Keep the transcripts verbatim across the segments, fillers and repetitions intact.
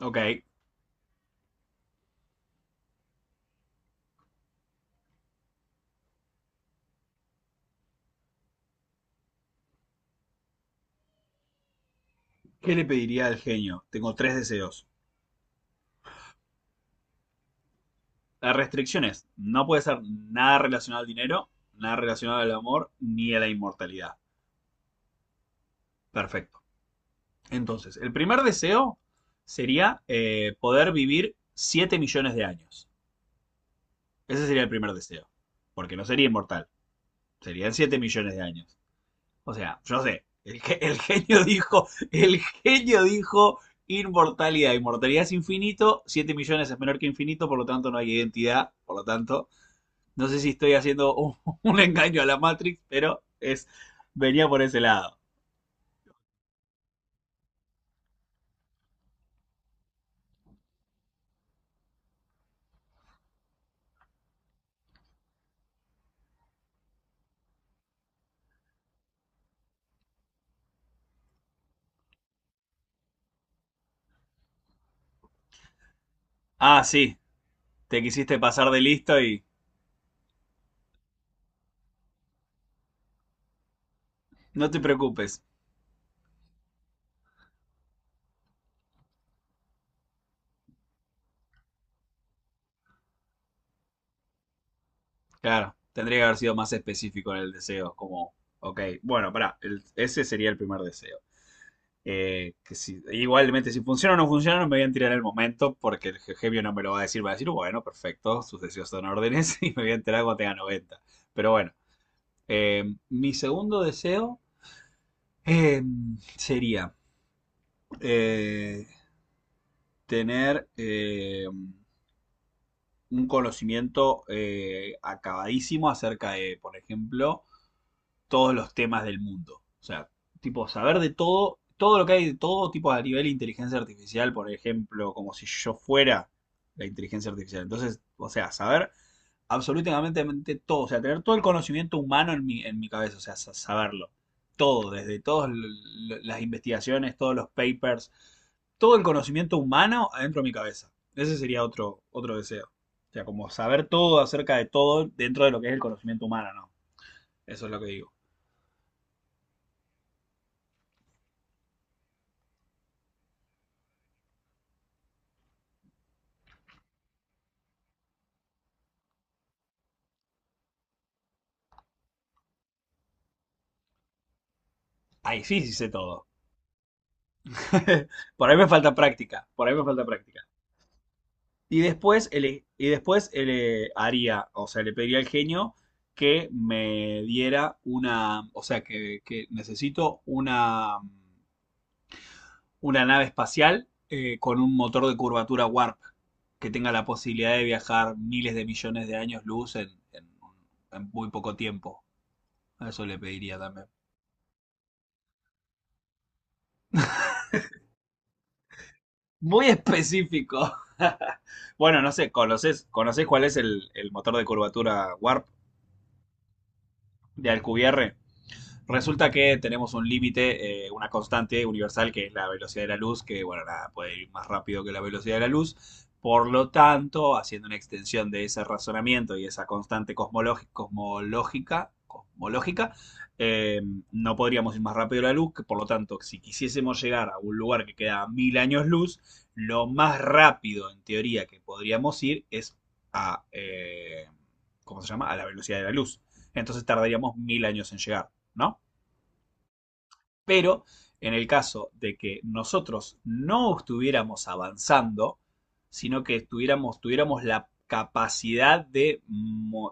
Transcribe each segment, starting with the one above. Ok, ¿qué le pediría al genio? Tengo tres deseos. Las restricciones. No puede ser nada relacionado al dinero, nada relacionado al amor, ni a la inmortalidad. Perfecto. Entonces, el primer deseo sería eh, poder vivir siete millones de años. Ese sería el primer deseo. Porque no sería inmortal. Serían siete millones de años. O sea, yo sé, el, el genio dijo, el genio dijo inmortalidad. Inmortalidad es infinito, siete millones es menor que infinito, por lo tanto no hay identidad, por lo tanto, no sé si estoy haciendo un, un engaño a la Matrix, pero es, venía por ese lado. Ah, sí, te quisiste pasar de listo y no te preocupes. Claro, tendría que haber sido más específico en el deseo, como, ok, bueno, pará, el- ese sería el primer deseo. Eh, que si, igualmente, si funciona o no funciona, no me voy a enterar en el momento porque el Jevio no me lo va a decir. Va a decir, bueno, perfecto, sus deseos son órdenes y me voy a enterar cuando tenga noventa. Pero bueno, eh, mi segundo deseo eh, sería eh, tener eh, un conocimiento eh, acabadísimo acerca de, por ejemplo, todos los temas del mundo. O sea, tipo, saber de todo, todo lo que hay de todo, tipo a nivel de inteligencia artificial, por ejemplo, como si yo fuera la inteligencia artificial. Entonces, o sea, saber absolutamente todo, o sea, tener todo el conocimiento humano en mi, en mi cabeza, o sea, saberlo. Todo, desde todas las investigaciones, todos los papers, todo el conocimiento humano adentro de mi cabeza. Ese sería otro, otro deseo. O sea, como saber todo acerca de todo dentro de lo que es el conocimiento humano, ¿no? Eso es lo que digo. Ahí sí, sí sé todo. Por ahí me falta práctica, por ahí me falta práctica. Y después, ele- y después ele- haría, o sea, le pediría al genio que me diera una, o sea, que, que necesito una, una nave espacial eh, con un motor de curvatura warp, que tenga la posibilidad de viajar miles de millones de años luz en, en en muy poco tiempo. Eso le pediría también. Muy específico. Bueno, no sé, ¿conoces, ¿conocés cuál es el, el motor de curvatura Warp de Alcubierre? Resulta que tenemos un límite, eh, una constante universal que es la velocidad de la luz, que bueno, nada, puede ir más rápido que la velocidad de la luz. Por lo tanto, haciendo una extensión de ese razonamiento y esa constante cosmológica, cosmológica, eh, no podríamos ir más rápido que la luz, que por lo tanto, si quisiésemos llegar a un lugar que queda a mil años luz, lo más rápido en teoría que podríamos ir es a, eh, ¿cómo se llama? A la velocidad de la luz. Entonces tardaríamos mil años en llegar. ¿No? Pero en el caso de que nosotros no estuviéramos avanzando, sino que estuviéramos, tuviéramos la capacidad de,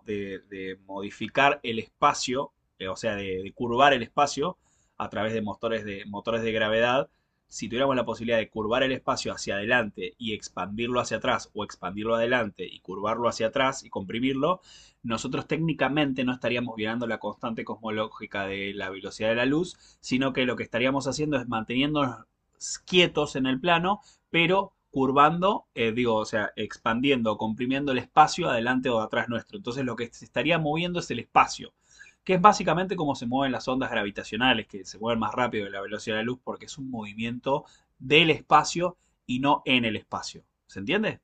de- de modificar el espacio, eh, o sea, de, de curvar el espacio a través de motores, de motores de gravedad, si tuviéramos la posibilidad de curvar el espacio hacia adelante y expandirlo hacia atrás, o expandirlo adelante y curvarlo hacia atrás y comprimirlo, nosotros técnicamente no estaríamos violando la constante cosmológica de la velocidad de la luz, sino que lo que estaríamos haciendo es manteniéndonos quietos en el plano, pero curvando, eh, digo, o sea, expandiendo, comprimiendo el espacio adelante o atrás nuestro. Entonces lo que se estaría moviendo es el espacio, que es básicamente como se mueven las ondas gravitacionales, que se mueven más rápido que la velocidad de la luz, porque es un movimiento del espacio y no en el espacio. ¿Se entiende?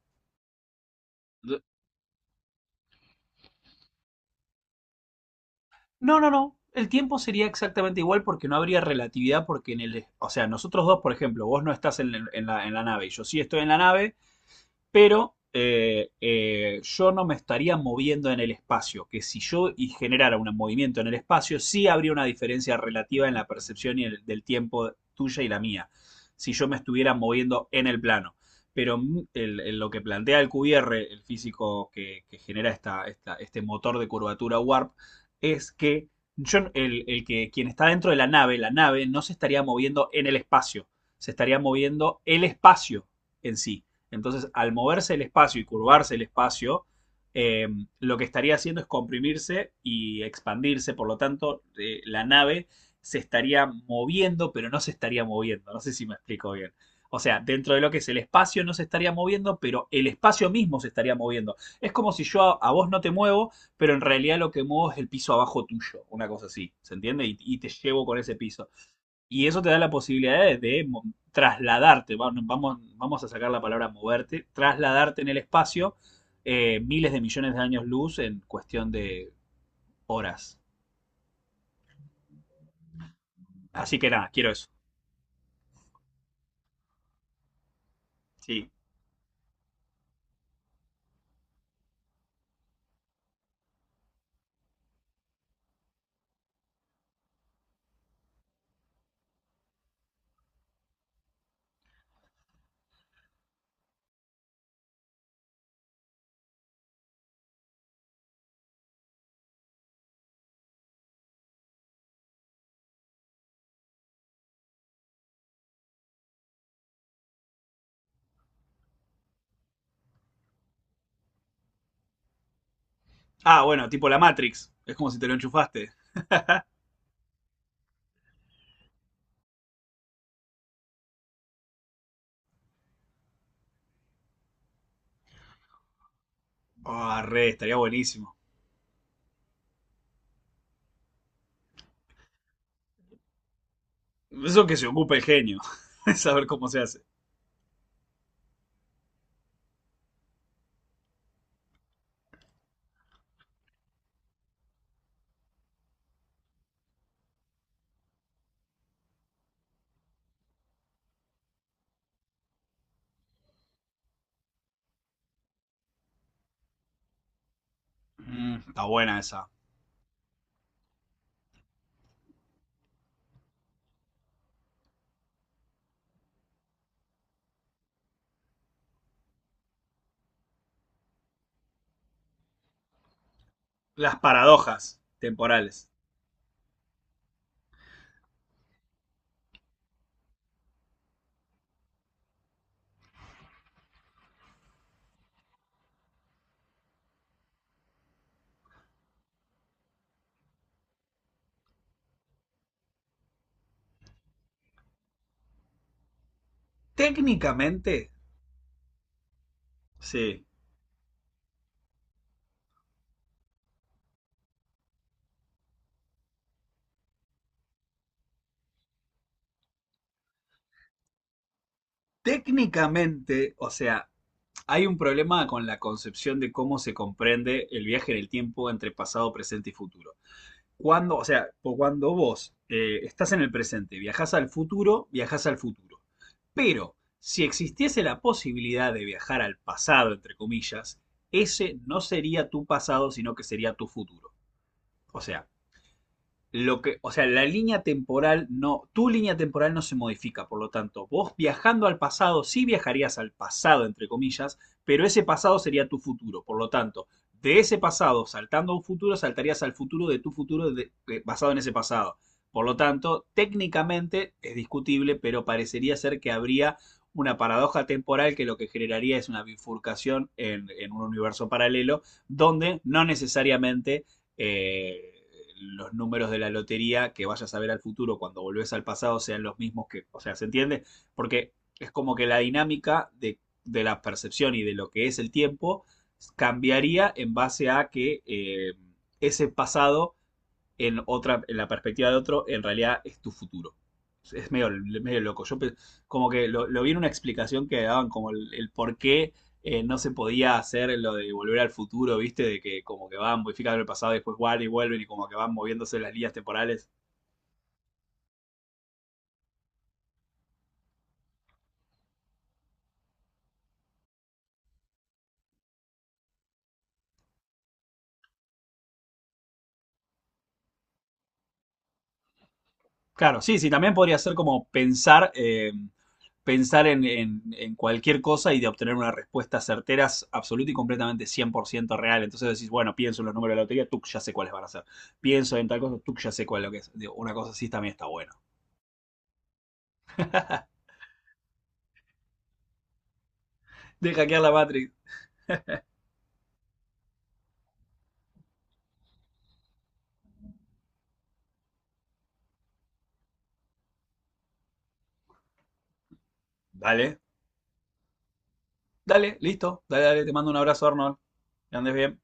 No, no, no. El tiempo sería exactamente igual porque no habría relatividad porque en el... O sea, nosotros dos, por ejemplo, vos no estás en, el- en la, en la nave y yo sí estoy en la nave, pero eh, eh, yo no me estaría moviendo en el espacio, que si yo generara un movimiento en el espacio, sí habría una diferencia relativa en la percepción y el- del tiempo tuya y la mía, si yo me estuviera moviendo en el plano. Pero mm, el- el- lo que plantea el Q V R, el físico que, que genera esta, esta- este motor de curvatura warp, es que yo, el, el que quien está dentro de la nave, la nave no se estaría moviendo en el espacio, se estaría moviendo el espacio en sí. Entonces, al moverse el espacio y curvarse el espacio, eh, lo que estaría haciendo es comprimirse y expandirse. Por lo tanto, eh, la nave se estaría moviendo, pero no se estaría moviendo. No sé si me explico bien. O sea, dentro de lo que es el espacio no se estaría moviendo, pero el espacio mismo se estaría moviendo. Es como si yo a, a vos no te muevo, pero en realidad lo que muevo es el piso abajo tuyo, una cosa así, ¿se entiende? Y, y te llevo con ese piso. Y eso te da la posibilidad de, de mo- trasladarte, va- no, vamos, vamos a sacar la palabra moverte, trasladarte en el espacio eh, miles de millones de años luz en cuestión de horas. Así que nada, quiero eso. Sí. Ah, bueno, tipo la Matrix. Es como si te lo enchufaste. Ah, re, estaría buenísimo. Eso que se ocupe el genio. Es saber cómo se hace. Mm, está buena esa. Las paradojas temporales. Técnicamente, sí. Técnicamente, o sea, hay un problema con la concepción de cómo se comprende el viaje en el tiempo entre pasado, presente y futuro. Cuando, o sea, po- cuando vos eh, estás en el presente, viajás al futuro, viajás al futuro. Pero si existiese la posibilidad de viajar al pasado, entre comillas, ese no sería tu pasado, sino que sería tu futuro. O sea, lo que, o sea, la línea temporal no, tu línea temporal no se modifica, por lo tanto, vos viajando al pasado, sí viajarías al pasado, entre comillas, pero ese pasado sería tu futuro, por lo tanto, de ese pasado, saltando a un futuro, saltarías al futuro de tu futuro de- de- basado en ese pasado. Por lo tanto, técnicamente es discutible, pero parecería ser que habría una paradoja temporal que lo que generaría es una bifurcación en, en un universo paralelo, donde no necesariamente eh, los números de la lotería que vayas a ver al futuro cuando volvés al pasado sean los mismos que, o sea, ¿se entiende? Porque es como que la dinámica de, de la percepción y de lo que es el tiempo cambiaría en base a que eh, ese pasado en otra, en la perspectiva de otro, en realidad es tu futuro. Es, medio, medio loco. Yo pe- como que lo, lo vi en una explicación que daban como el, el por qué eh, no se podía hacer lo de volver al futuro, ¿viste? De que como que van modificando el pasado y después guardan y vuelven y como que van moviéndose las líneas temporales. Claro, sí, sí, también podría ser como pensar, eh, pensar en, en- en cualquier cosa y de obtener una respuesta certera, s- absoluta y completamente cien por ciento real. Entonces decís, bueno, pienso en los números de la lotería, tú ya sé cuáles van a ser. Pienso en tal cosa, tú ya sé cuál es lo que es. Digo, una cosa así también está buena. De hackear la Matrix. Dale, dale, listo. Dale, dale, te mando un abrazo, Arnold. Que andes bien.